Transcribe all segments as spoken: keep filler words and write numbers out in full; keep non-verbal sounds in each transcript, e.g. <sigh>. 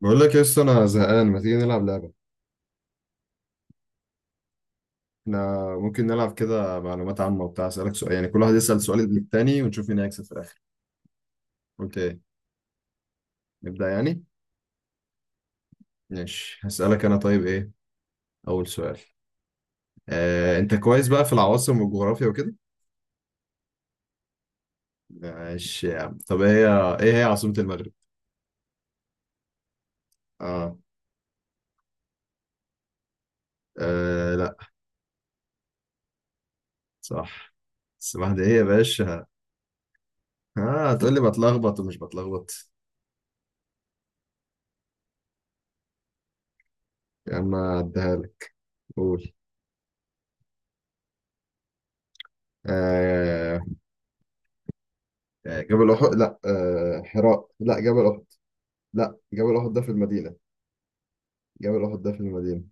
بقول لك يا اسطى، انا زهقان، ما تيجي نلعب لعبه؟ احنا ممكن نلعب كده معلومات عامه وبتاع، اسالك سؤال يعني، كل واحد يسال سؤال للتاني ونشوف مين هيكسب في الاخر. قلت ايه؟ نبدا يعني. ماشي، هسالك انا طيب، ايه اول سؤال. آه، انت كويس بقى في العواصم والجغرافيا وكده؟ ماشي يا عم، طب إيه هي ايه هي عاصمه المغرب؟ اه. آه لا. صح. بس واحده، ايه يا باشا؟ اه، تقول لي بتلخبط ومش بتلخبط؟ يا عم، عديها لك. قول. آه. آه، جبل أحد، لا آه حراء، لا جبل أحد. لا، جبل أحد ده في المدينة. جبل أحد ده في المدينة.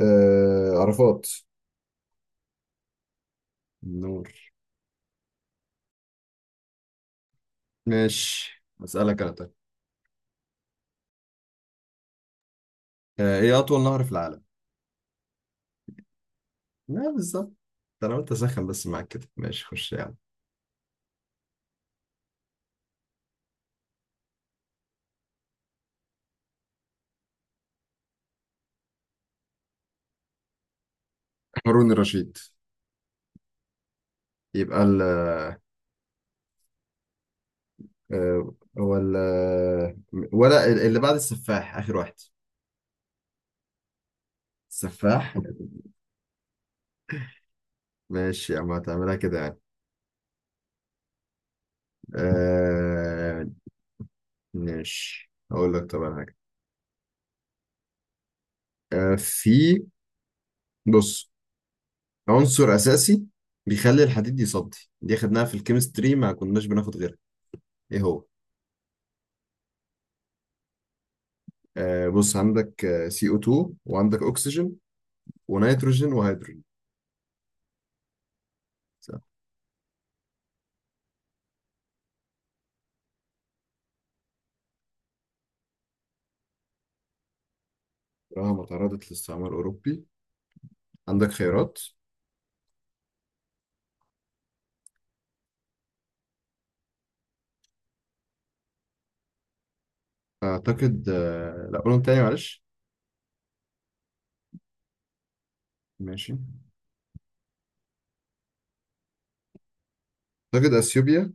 آه عرفات. نور. ماشي، أسألك أنا طيب. آه إيه أطول نهر في العالم؟ لا، بالظبط. ده أنا قلت أسخن بس معاك كده، ماشي خش يعني. هارون الرشيد. يبقى ال... آه، هو ال، آه، ولا ال- اللي بعد السفاح آخر واحد؟ السفاح. ماشي يا عم، هتعملها كده يعني. آه. ماشي، هقول لك طبعا حاجة. آه في. بص، عنصر أساسي بيخلي الحديد يصدي، دي خدناها في الكيمستري ما كناش بناخد غيرها، إيه هو؟ آه بص، عندك سي او اتنين وعندك أكسجين ونيتروجين وهيدروجين. صح. رغم تعرضت للاستعمار الأوروبي. عندك خيارات؟ أعتقد، آه لا، قولهم تاني معلش. ماشي. أعتقد أثيوبيا.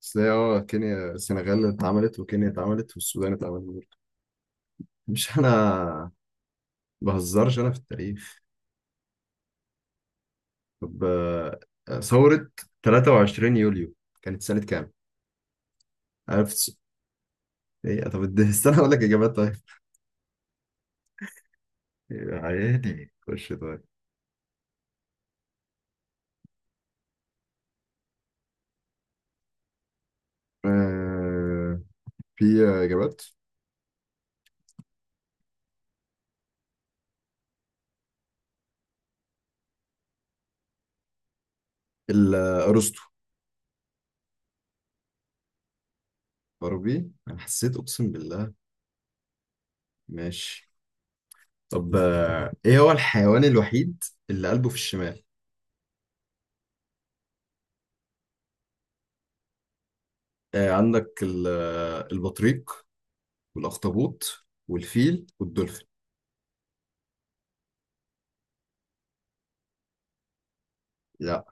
بس هي، اه كينيا، السنغال اتعملت وكينيا اتعملت والسودان اتعملت برضه. مش أنا. بهزرش أنا في التاريخ. طب، آه، آه، ثورة ثلاثة وعشرين يوليو كانت سنة كام؟ عرفت. ايه؟ طب ادي- <laughs> استنى اقول لك اجابات طيب. يا عيني، خش طيب. آه في اجابات؟ الارسطو. بربي، انا حسيت اقسم بالله. ماشي. طب آه ايه هو الحيوان الوحيد اللي قلبه في الشمال؟ آه عندك ال- آه، البطريق والاخطبوط والفيل والدولفين. لا.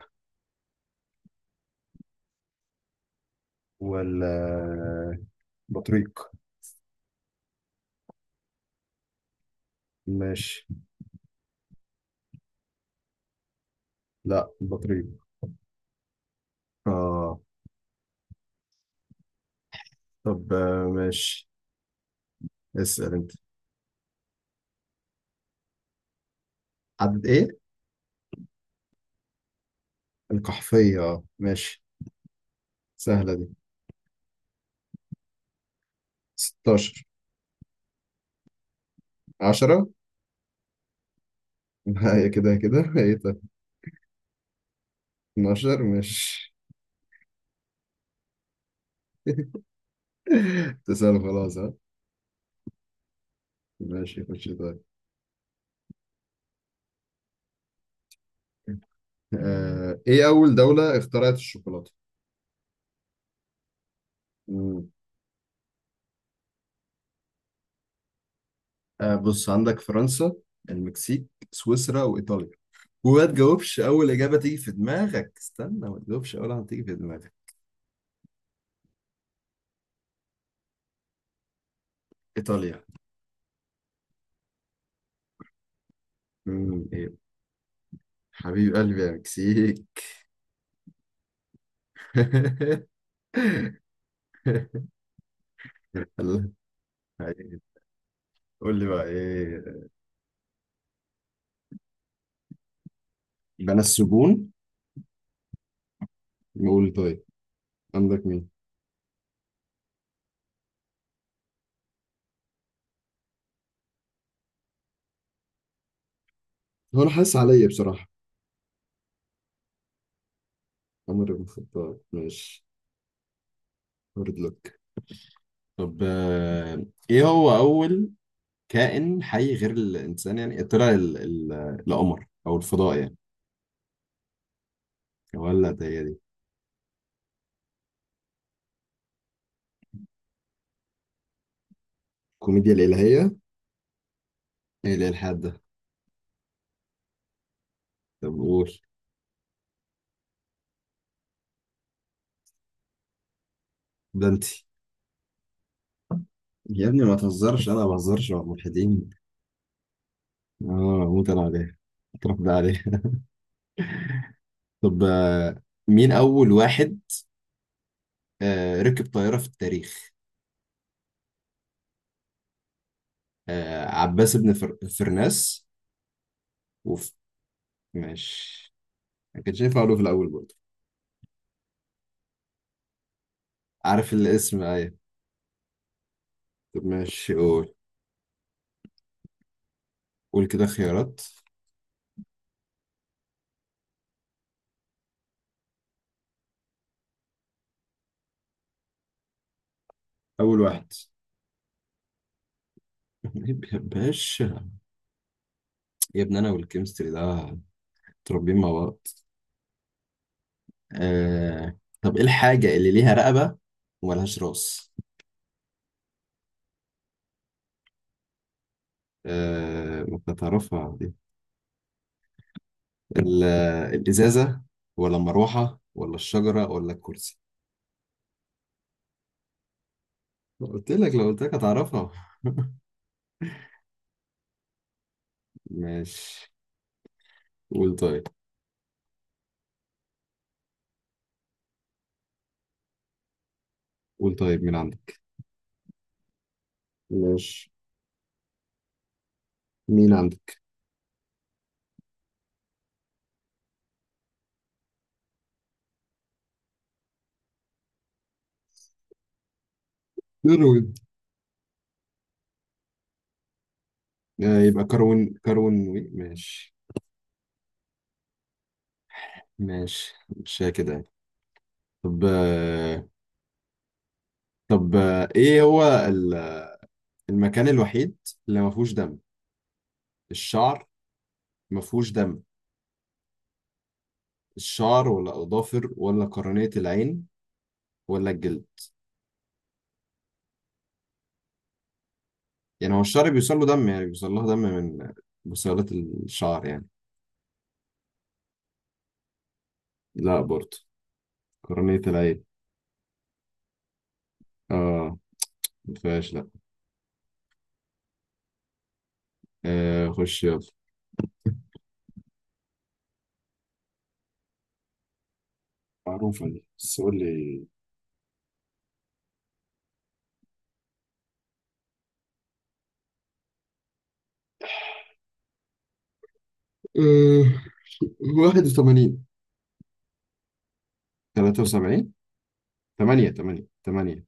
والبطريق. ماشي. لا، البطريق. اه. طب، آه، ماشي. اسأل انت. عدد ايه؟ القحفية، اه ماشي. سهلة دي. ستاشر. عشرة. هي كده كده <laughs> ايه طيب. اثنا عشر، ماشي. <laughs> تسأل، خلاص ها. ماشي، خش طيب. مم. آه، ايه أول دولة اخترعت الشوكولاتة؟ مم. آه بص، عندك فرنسا، المكسيك، سويسرا، وإيطاليا. وما تجاوبش أول إجابة تيجي في دماغك، استنى ما تجاوبش أول واحدة تيجي في دماغك. إيطاليا. مم. ايه، حبيب قلبي يا مكسيك. <laughs> الله. قول لي بقى، ايه؟ بنى السجون؟ نقول طيب. عندك مين؟ هو انا حاسس عليا بصراحة. عمر بن الخطاب، ماشي. هارد لك. طب، آه، ايه هو اول كائن حي غير الانسان يعني، طلع ال- ال- القمر او الفضاء يعني؟ ولا هي دي. كوميديا الالهية؟ ايه اللي الحاد ده؟ طب قول. ده انت. يا ابني، ما تهزرش، انا ما بهزرش مع الملحدين. اه. موت انا عليه. اتربى عليه. <laughs> طب، آه، مين اول واحد آه، ركب طيارة في التاريخ؟ آه عباس بن فر... فرناس. وف... ماشي. ما كانش ينفع اقوله في الاول برضه. عارف الاسم، ايوه. طب ماشي، قول. قول كده خيارات. اول واحد. <laughs> يا باشا. يا ابني، انا والكيمستري ده متربيين مع بعض. آه... طب ايه الحاجة اللي ليها رقبة وملهاش راس؟ آه... ما أنت تعرفها دي. ال... الازازة، ولا المروحة ولا الشجرة ولا الكرسي؟ قلت لك، لو قلت لك هتعرفها. <laughs> ماشي. قول طيب. قول طيب، مين عندك؟ ماشي، مين عندك؟ كروين. آه يبقى كروين، كروين وي، ماشي. ماشي، مش كده يعني. طب آه طب آه ايه هو ال- المكان الوحيد اللي ما فيهوش دم. الشعر. ما فيهوش دم. الشعر ولا اظافر ولا قرنية العين ولا الجلد؟ يعني هو الشعر بيوصل له دم، يعني بيوصل لها دم من بصيلات الشعر يعني. لا برضه. قرنية العين. اه. ما فيهاش، لا. آه خش يلا. معروفة دي، بس قول لي. أه... واحد وتمانين. تلاتة وسبعين. تمانية تمانية تمانية.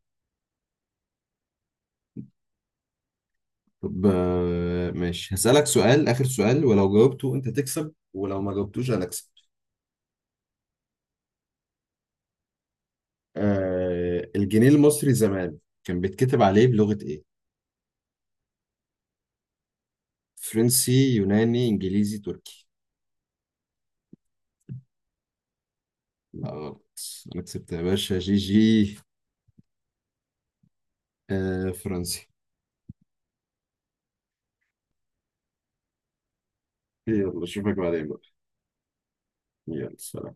طب، آه، ماشي، هسألك سؤال، آخر سؤال، ولو جاوبته أنت تكسب ولو ما جاوبتوش أنا أكسب. آه، الجنيه المصري زمان كان بيتكتب عليه بلغة إيه؟ فرنسي، يوناني، إنجليزي، تركي؟ لا غلط. أنا كسبت يا باشا، جي جي. آه، فرنسي. يلا، أشوفك بعدين بقى. يلا، سلام.